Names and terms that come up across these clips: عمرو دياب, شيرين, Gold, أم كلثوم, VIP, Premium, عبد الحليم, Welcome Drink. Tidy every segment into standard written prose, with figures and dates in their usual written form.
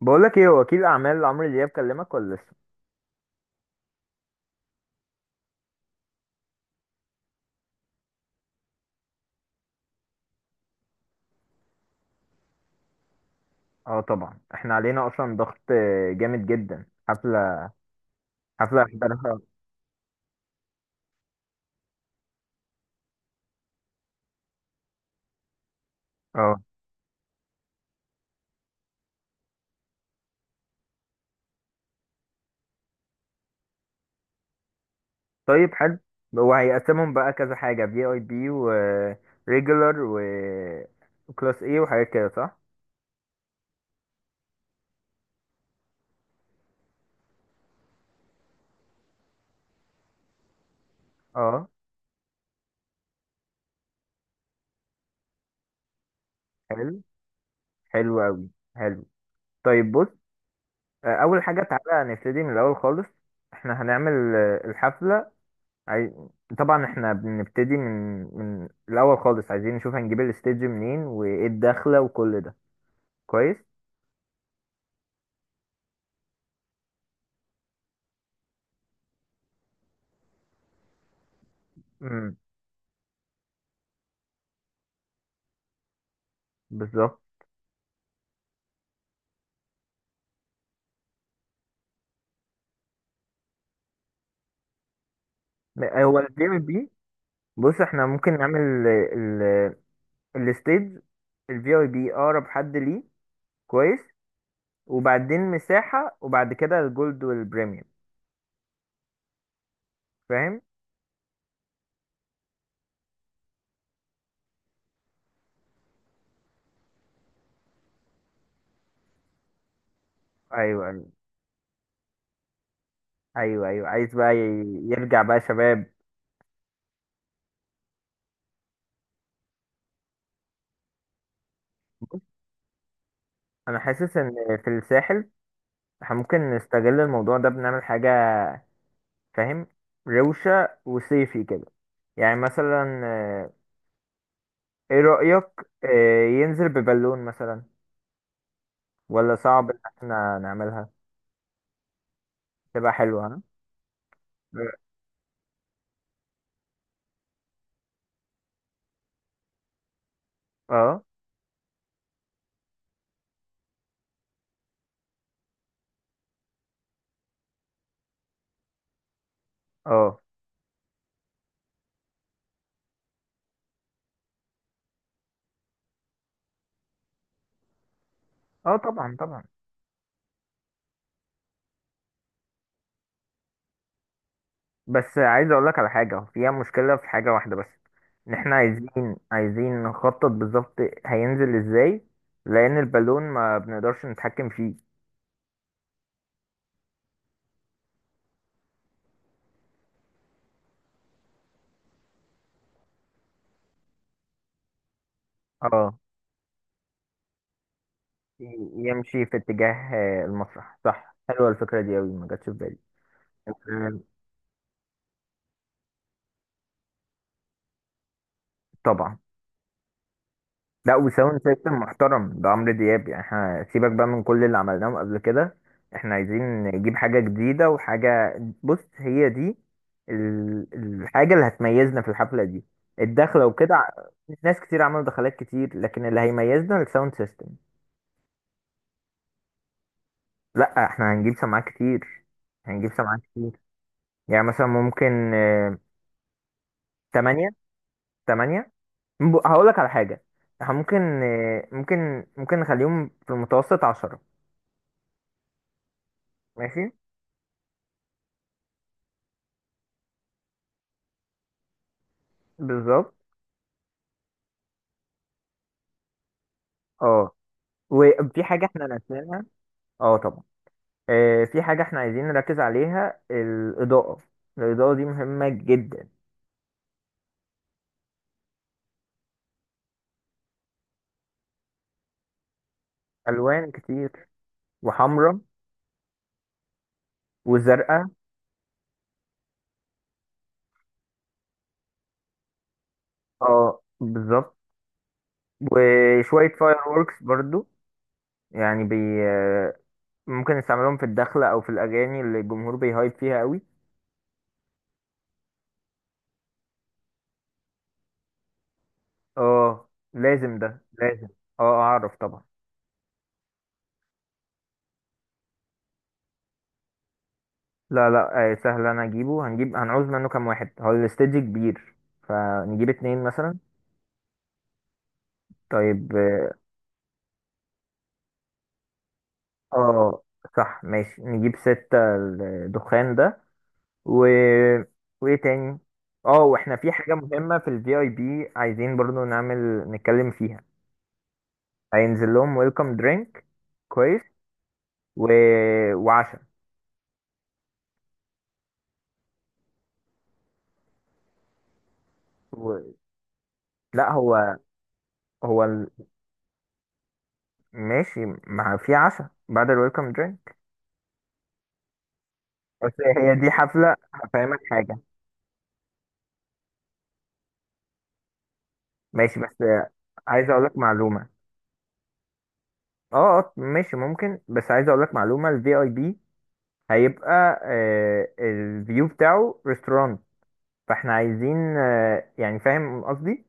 بقولك ايه وكيل اعمال عمرو دياب كلمك ولا لسه؟ اه طبعا احنا علينا اصلا ضغط جامد جدا. حفله، هنحضرها. اه طيب حلو. هو هيقسمهم بقى كذا حاجه: في اي بي وريجولار وكلاس ايه وحاجات كده، صح؟ اه حلو، حلو قوي، حلو. طيب بص، اول حاجه تعالى نبتدي من الاول خالص. احنا هنعمل الحفله. عاي... طبعا احنا بنبتدي من الاول خالص، عايزين نشوف هنجيب الاستيدج منين وايه الدخله وكل ده. كويس. امم، بالظبط. هو الجيم بي. بص احنا ممكن نعمل ال الستيج، الفي اي بي اقرب حد ليه. كويس، وبعدين مساحة، وبعد كده الجولد والبريميوم. فاهم؟ ايوه ايوه. ايوه ايوه، عايز بقى يرجع بقى شباب. بص انا حاسس ان في الساحل احنا ممكن نستغل الموضوع ده، بنعمل حاجة فاهم، روشة وصيفي كده. يعني مثلا ايه رأيك ينزل ببالون مثلا؟ ولا صعب ان احنا نعملها؟ تبقى حلوة، ها. اه اه، اه طبعا طبعا. بس عايز اقول لك على حاجة فيها مشكلة، في حاجة واحدة بس. ان احنا عايزين نخطط بالظبط هينزل ازاي، لان البالون ما بنقدرش نتحكم فيه. اه، يمشي في اتجاه المسرح، صح. حلوة الفكرة دي اوي، ما جاتش في بالي. آه، طبعا. لا، وساوند سيستم محترم، ده عمرو دياب يعني. احنا سيبك بقى من كل اللي عملناه قبل كده، احنا عايزين نجيب حاجة جديدة وحاجة. بص هي دي الحاجة اللي هتميزنا في الحفلة دي: الدخلة وكده ناس كتير عملوا دخلات كتير، لكن اللي هيميزنا الساوند سيستم. لا احنا هنجيب سماعات كتير، هنجيب سماعات كتير. يعني مثلا ممكن تمانية، تمانية. هقول لك على حاجة، احنا ممكن ممكن نخليهم في المتوسط عشرة. ماشي، بالظبط. اه، وفي حاجة احنا نسيناها. اه طبعا، في حاجة احنا عايزين نركز عليها: الإضاءة. الإضاءة دي مهمة جدا. ألوان كتير، وحمرا وزرقاء. اه بالظبط. وشوية فاير ووركس برضو، يعني بي آه، ممكن نستعملهم في الدخلة أو في الأغاني اللي الجمهور بيهايب فيها قوي. اه لازم، ده لازم. اه أعرف طبعا. لا لا، آه سهل، أنا أجيبه. هنجيب، هنعوز منه كام واحد؟ هو الاستديو كبير، فنجيب اتنين مثلا. طيب اه، صح ماشي، نجيب ستة الدخان ده. و... وايه تاني؟ اه واحنا في حاجة مهمة في الفي اي بي عايزين برضو نعمل، نتكلم فيها. هينزل لهم ويلكم درينك. كويس. و... وعشاء. و... لا هو، هو ال- ماشي، ما في عشاء بعد الويلكم درينك؟ بس هي دي حفلة، هفهمك حاجة. ماشي، بس عايز اقولك معلومة. اه ماشي ممكن، بس عايز اقولك معلومة: الفي اي بي هيبقى الفيو بتاعه ريستورانت. فاحنا عايزين يعني فاهم قصدي،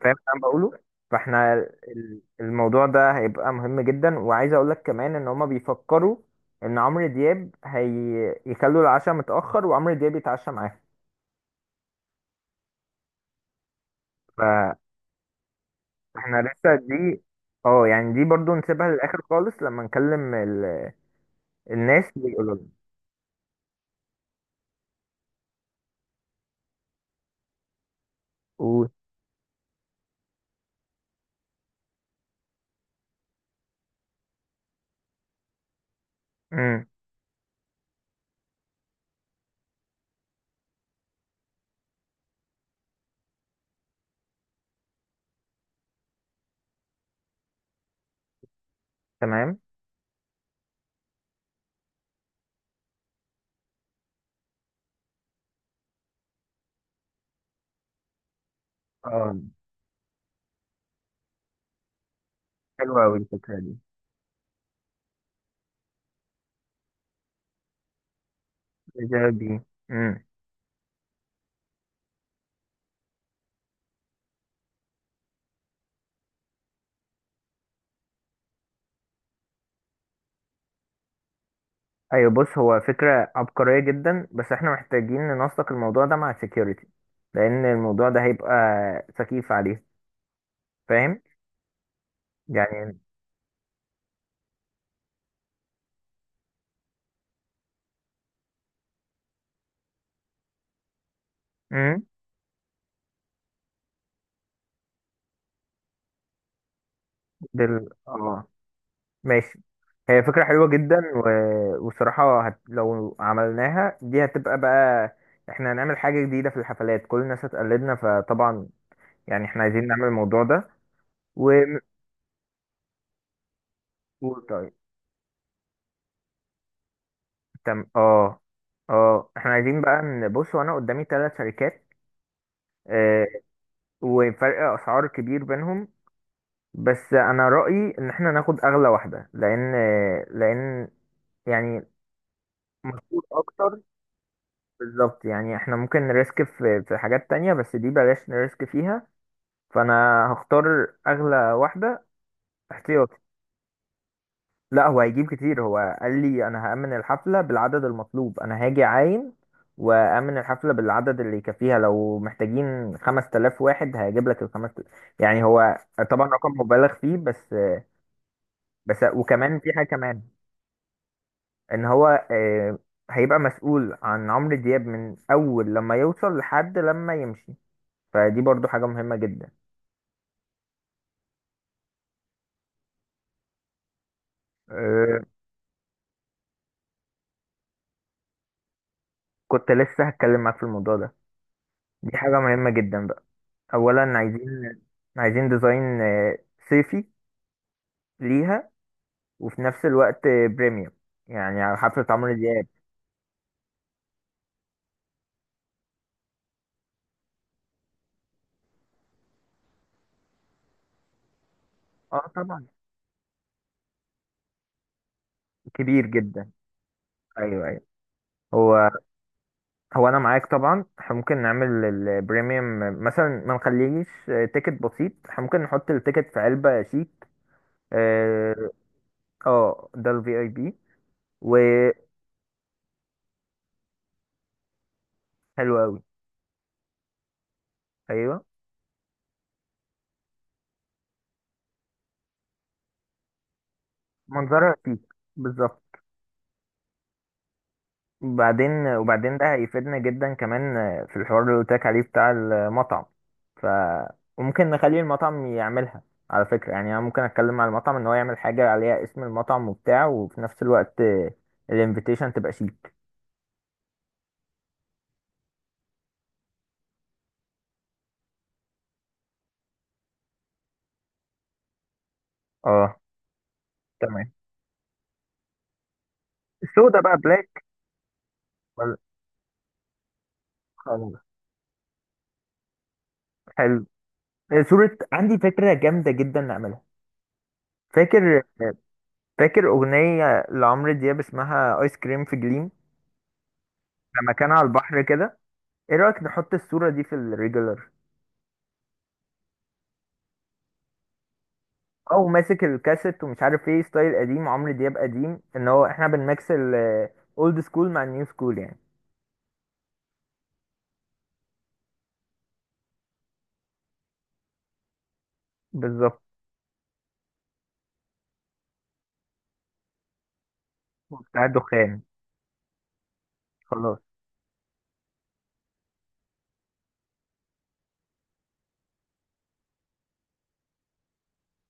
فاهم اللي انا بقوله. فاحنا الموضوع ده هيبقى مهم جدا. وعايز اقول لك كمان ان هما بيفكروا ان عمرو دياب هيخلوا العشاء متأخر وعمرو دياب يتعشى معاهم. فاحنا لسه دي، اه يعني دي برضو نسيبها للاخر خالص لما نكلم الناس ويقولوا لنا. قول. امم. تمام. اه حلوة أوي الفكرة دي. الفكرة دي، امم. ايوه بص هو فكرة عبقرية جدا، بس احنا محتاجين ننسق الموضوع ده مع security، لان الموضوع ده هيبقى سخيف عليه. فاهم يعني. امم، اه ماشي. هي فكرة حلوة جدا، والصراحة لو عملناها دي هتبقى بقى، احنا هنعمل حاجة جديدة في الحفلات، كل الناس هتقلدنا فطبعا يعني احنا عايزين نعمل الموضوع ده. و... طيب تم. اه اه احنا عايزين بقى نبص، وانا قدامي ثلاث شركات، آه، وفرق اسعار كبير بينهم. بس انا رايي ان احنا ناخد اغلى واحده، لان يعني مشهور اكتر. بالظبط، يعني احنا ممكن نريسك في حاجات تانية، بس دي بلاش نريسك فيها. فانا هختار اغلى واحده. احتياطي، لا هو هيجيب كتير. هو قال لي انا هأمن الحفله بالعدد المطلوب، انا هاجي عايم وأأمن الحفلة بالعدد اللي يكفيها. لو محتاجين 5000 واحد هيجيب لك ال 5000، يعني هو طبعا رقم مبالغ فيه. بس وكمان في حاجة كمان، ان هو هيبقى مسؤول عن عمرو دياب من اول لما يوصل لحد لما يمشي. فدي برضو حاجة مهمة جدا. آه، كنت لسه هتكلم معاك في الموضوع ده، دي حاجة مهمة جدا بقى. اولا عايزين ديزاين صيفي ليها، وفي نفس الوقت بريميوم، يعني على حفلة عمرو دياب. اه طبعا، كبير جدا. ايوه ايوه. هو هو انا معاك طبعا. احنا ممكن نعمل البريميوم، مثلا ما نخليش تيكت بسيط، احنا ممكن نحط التيكت في علبة شيك. اه ده الفي اي بي. وحلو قوي. ايوه، منظرها شيك، بالظبط. وبعدين ده هيفيدنا جدا كمان في الحوار اللي قلت لك عليه بتاع المطعم. ف وممكن نخلي المطعم يعملها. على فكرة، يعني انا ممكن اتكلم مع المطعم ان هو يعمل حاجة عليها اسم المطعم وبتاع، وفي نفس الوقت الانفيتيشن تبقى شيك. اه تمام. السودا بقى بلاك. ولا- خلاص. حلو. صورة، عندي فكرة جامدة جدا نعملها. فاكر فاكر أغنية لعمرو دياب اسمها آيس كريم في جليم، لما كان على البحر كده. ايه رأيك نحط الصورة دي في الريجولر؟ او ماسك الكاسيت ومش عارف ايه، ستايل قديم، عمرو دياب قديم، ان هو احنا بنميكس الاولد سكول مع النيو سكول يعني. بالظبط، بتاع الدخان. خلاص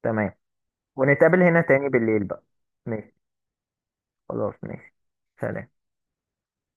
تمام. ونتقابل هنا تاني بالليل بقى. ماشي خلاص، ماشي. سلام.